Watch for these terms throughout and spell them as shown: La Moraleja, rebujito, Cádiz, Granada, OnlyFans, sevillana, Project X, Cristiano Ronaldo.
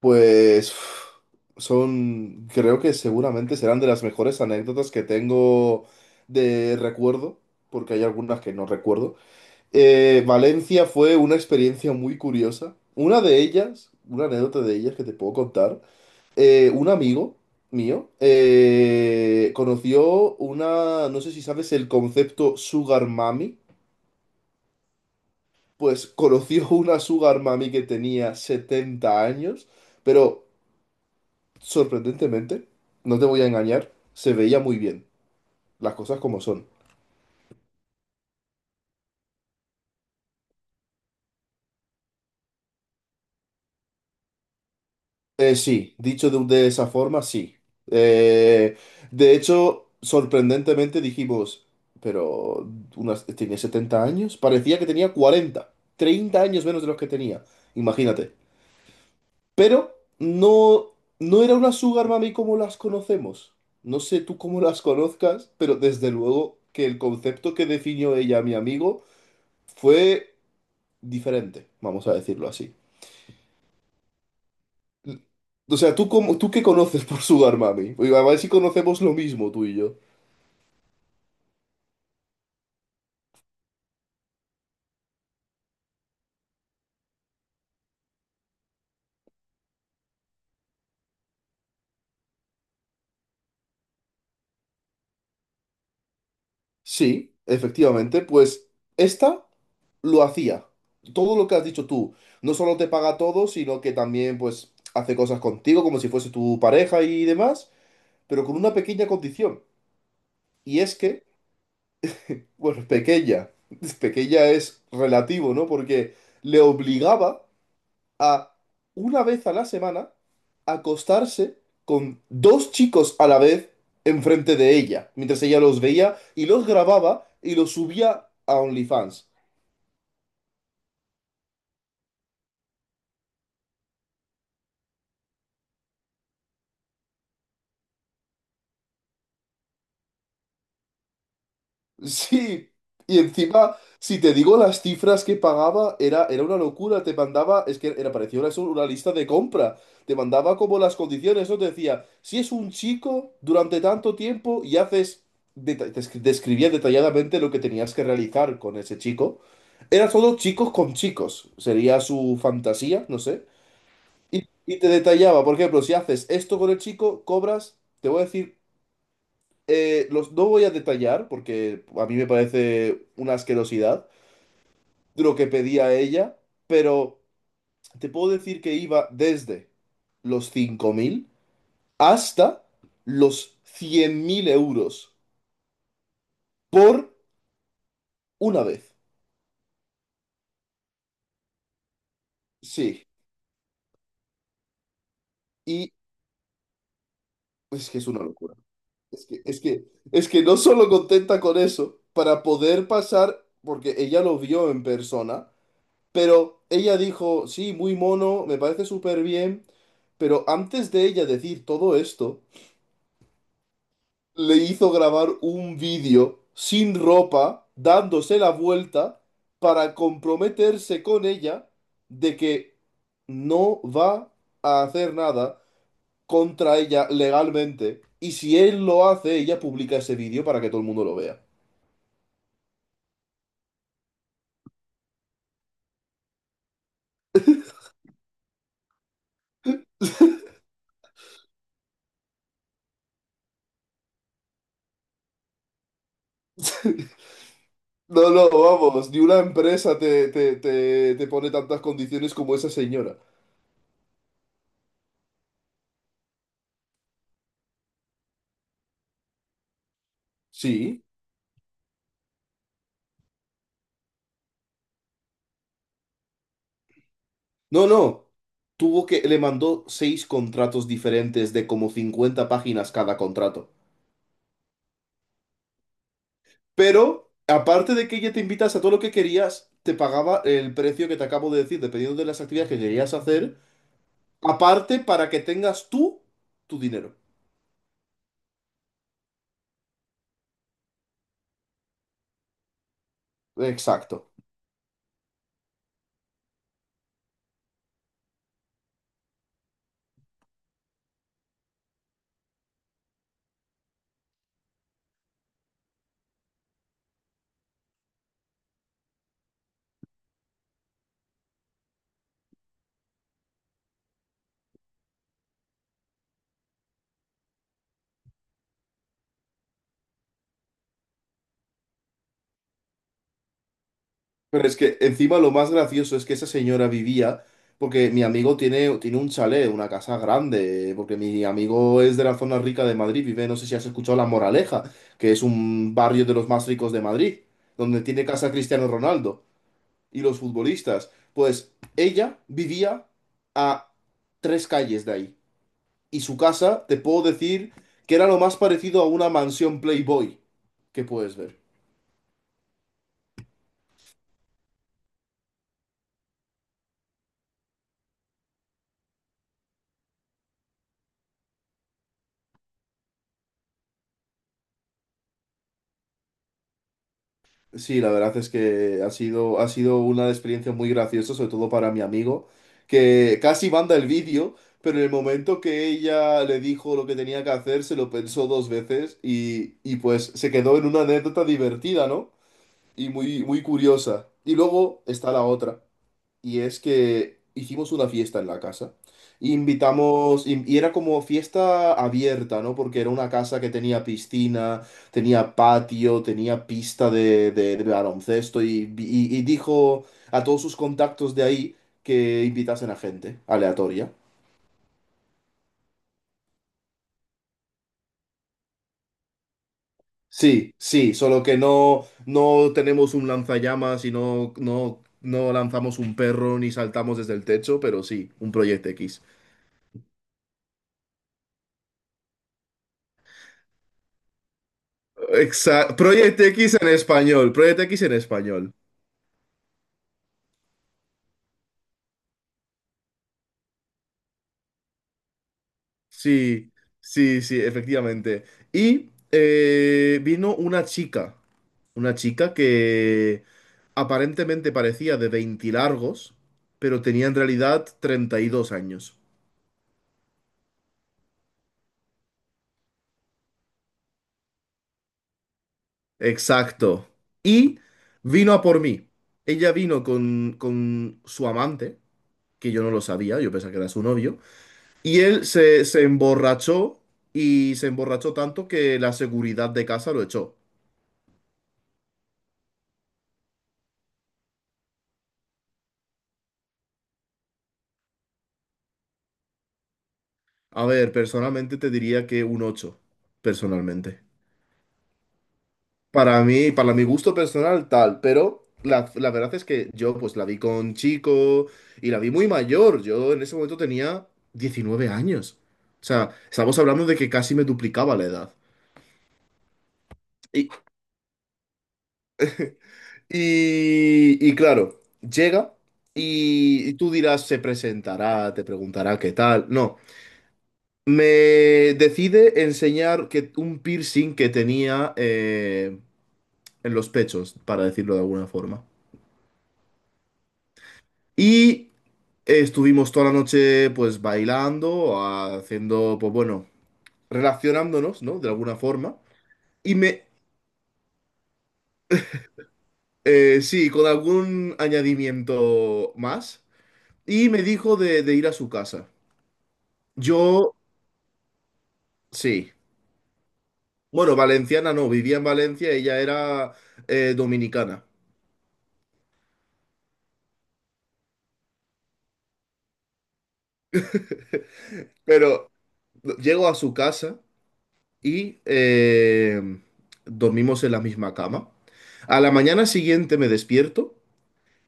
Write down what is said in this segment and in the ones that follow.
Pues creo que seguramente serán de las mejores anécdotas que tengo de recuerdo, porque hay algunas que no recuerdo. Valencia fue una experiencia muy curiosa. Una de ellas, una anécdota de ellas que te puedo contar, un amigo mío conoció una, no sé si sabes el concepto Sugar Mami, pues conoció una Sugar Mami que tenía 70 años, pero... Sorprendentemente, no te voy a engañar, se veía muy bien, las cosas como son. Sí, dicho de esa forma, sí. Eh, de hecho, sorprendentemente dijimos, pero tenía 70 años, parecía que tenía 40 30 años menos de los que tenía, imagínate. Pero no, no era una sugar mami como las conocemos. No sé tú cómo las conozcas, pero desde luego que el concepto que definió ella, a mi amigo, fue diferente, vamos a decirlo así. O sea, tú qué conoces por Sugar Mami? Oye, a ver si conocemos lo mismo tú y yo. Sí, efectivamente, pues esta lo hacía. Todo lo que has dicho tú, no solo te paga todo, sino que también pues hace cosas contigo como si fuese tu pareja y demás, pero con una pequeña condición. Y es que, bueno, pequeña, pequeña es relativo, ¿no? Porque le obligaba a una vez a la semana acostarse con dos chicos a la vez enfrente de ella, mientras ella los veía y los grababa y los subía a OnlyFans. Sí, y encima, si te digo las cifras que pagaba, era una locura. Te mandaba, es que era parecía una lista de compra. Te mandaba como las condiciones, ¿no? Te decía, si es un chico durante tanto tiempo y haces, describía detalladamente lo que tenías que realizar con ese chico. Era todo chicos con chicos, sería su fantasía, no sé. Y te detallaba, por ejemplo, si haces esto con el chico, cobras, te voy a decir, no voy a detallar porque a mí me parece una asquerosidad lo que pedía ella, pero te puedo decir que iba desde los 5.000 hasta los 100.000 euros por una vez. Sí, y es que es una locura. Es que, es que, es que no solo contenta con eso, para poder pasar, porque ella lo vio en persona. Pero ella dijo, sí, muy mono, me parece súper bien, pero antes de ella decir todo esto, le hizo grabar un vídeo sin ropa, dándose la vuelta, para comprometerse con ella de que no va a hacer nada contra ella legalmente. Y si él lo hace, ella publica ese vídeo para que todo el mundo lo vea. No, no, vamos, ni una empresa te pone tantas condiciones como esa señora. Sí. No, no. Le mandó seis contratos diferentes de como 50 páginas cada contrato. Pero, aparte de que ella te invitas a todo lo que querías, te pagaba el precio que te acabo de decir, dependiendo de las actividades que querías hacer, aparte para que tengas tú tu dinero. Exacto. Pero es que encima lo más gracioso es que esa señora vivía, porque mi amigo tiene un chalet, una casa grande, porque mi amigo es de la zona rica de Madrid, vive, no sé si has escuchado La Moraleja, que es un barrio de los más ricos de Madrid, donde tiene casa Cristiano Ronaldo y los futbolistas. Pues ella vivía a tres calles de ahí, y su casa, te puedo decir, que era lo más parecido a una mansión Playboy que puedes ver. Sí, la verdad es que ha sido una experiencia muy graciosa, sobre todo para mi amigo, que casi manda el vídeo, pero en el momento que ella le dijo lo que tenía que hacer, se lo pensó dos veces y pues se quedó en una anécdota divertida, ¿no? Y muy, muy curiosa. Y luego está la otra. Y es que hicimos una fiesta en la casa. Invitamos, y era como fiesta abierta, ¿no? Porque era una casa que tenía piscina, tenía patio, tenía pista de baloncesto y dijo a todos sus contactos de ahí que invitasen a gente aleatoria. Sí, sí, solo que no tenemos un lanzallamas y no lanzamos un perro ni saltamos desde el techo, pero sí, un proyecto X. Exacto. Project X en español. Project X en español. Sí, sí, sí, efectivamente. Y vino una chica. Una chica que aparentemente parecía de 20 largos, pero tenía en realidad 32 años. Exacto. Y vino a por mí. Ella vino con su amante, que yo no lo sabía, yo pensaba que era su novio. Y él se emborrachó y se emborrachó tanto que la seguridad de casa lo echó. A ver, personalmente te diría que un 8, personalmente. Para mí, para mi gusto personal, tal, pero la verdad es que yo pues la vi con chico y la vi muy mayor. Yo en ese momento tenía 19 años. O sea, estamos hablando de que casi me duplicaba la edad. Y, y claro, llega y tú dirás, se presentará, te preguntará qué tal. No. Me decide enseñar que un piercing que tenía, en los pechos, para decirlo de alguna forma. Y estuvimos toda la noche pues bailando, haciendo, pues bueno, relacionándonos, ¿no? De alguna forma. Y me, sí, con algún añadimiento más. Y me dijo de ir a su casa. Yo, sí. Bueno, valenciana no, vivía en Valencia, ella era dominicana. Pero llego a su casa. Y dormimos en la misma cama. A la mañana siguiente me despierto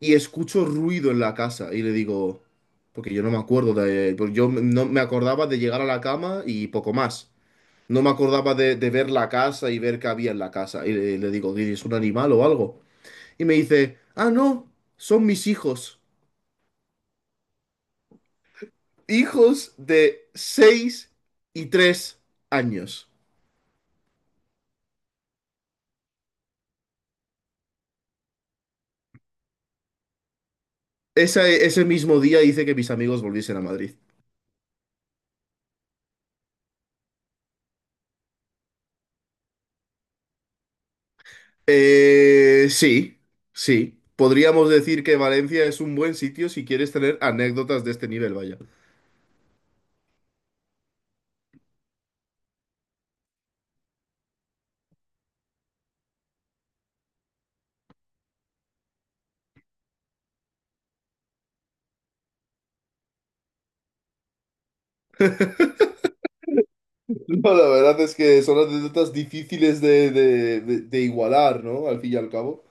y escucho ruido en la casa y le digo, porque yo no me acordaba de llegar a la cama y poco más. No me acordaba de ver la casa y ver qué había en la casa. Y le digo, ¿es un animal o algo? Y me dice, ah, no, son mis hijos. Hijos de 6 y 3 años. Ese mismo día hice que mis amigos volviesen a Madrid. Sí, sí. Podríamos decir que Valencia es un buen sitio si quieres tener anécdotas de este nivel, vaya. No, la verdad es que son anécdotas difíciles de igualar, ¿no? Al fin y al cabo.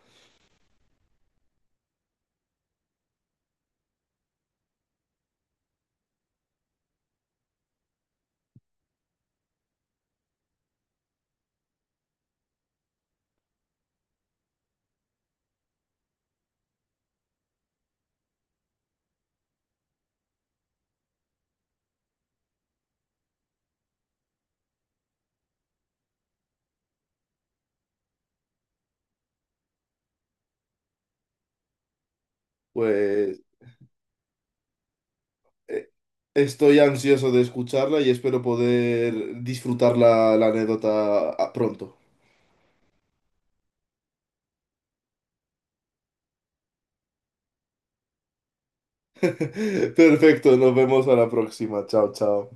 Pues eh, estoy ansioso de escucharla y espero poder disfrutar la anécdota, pronto. Perfecto, nos vemos a la próxima. Chao, chao.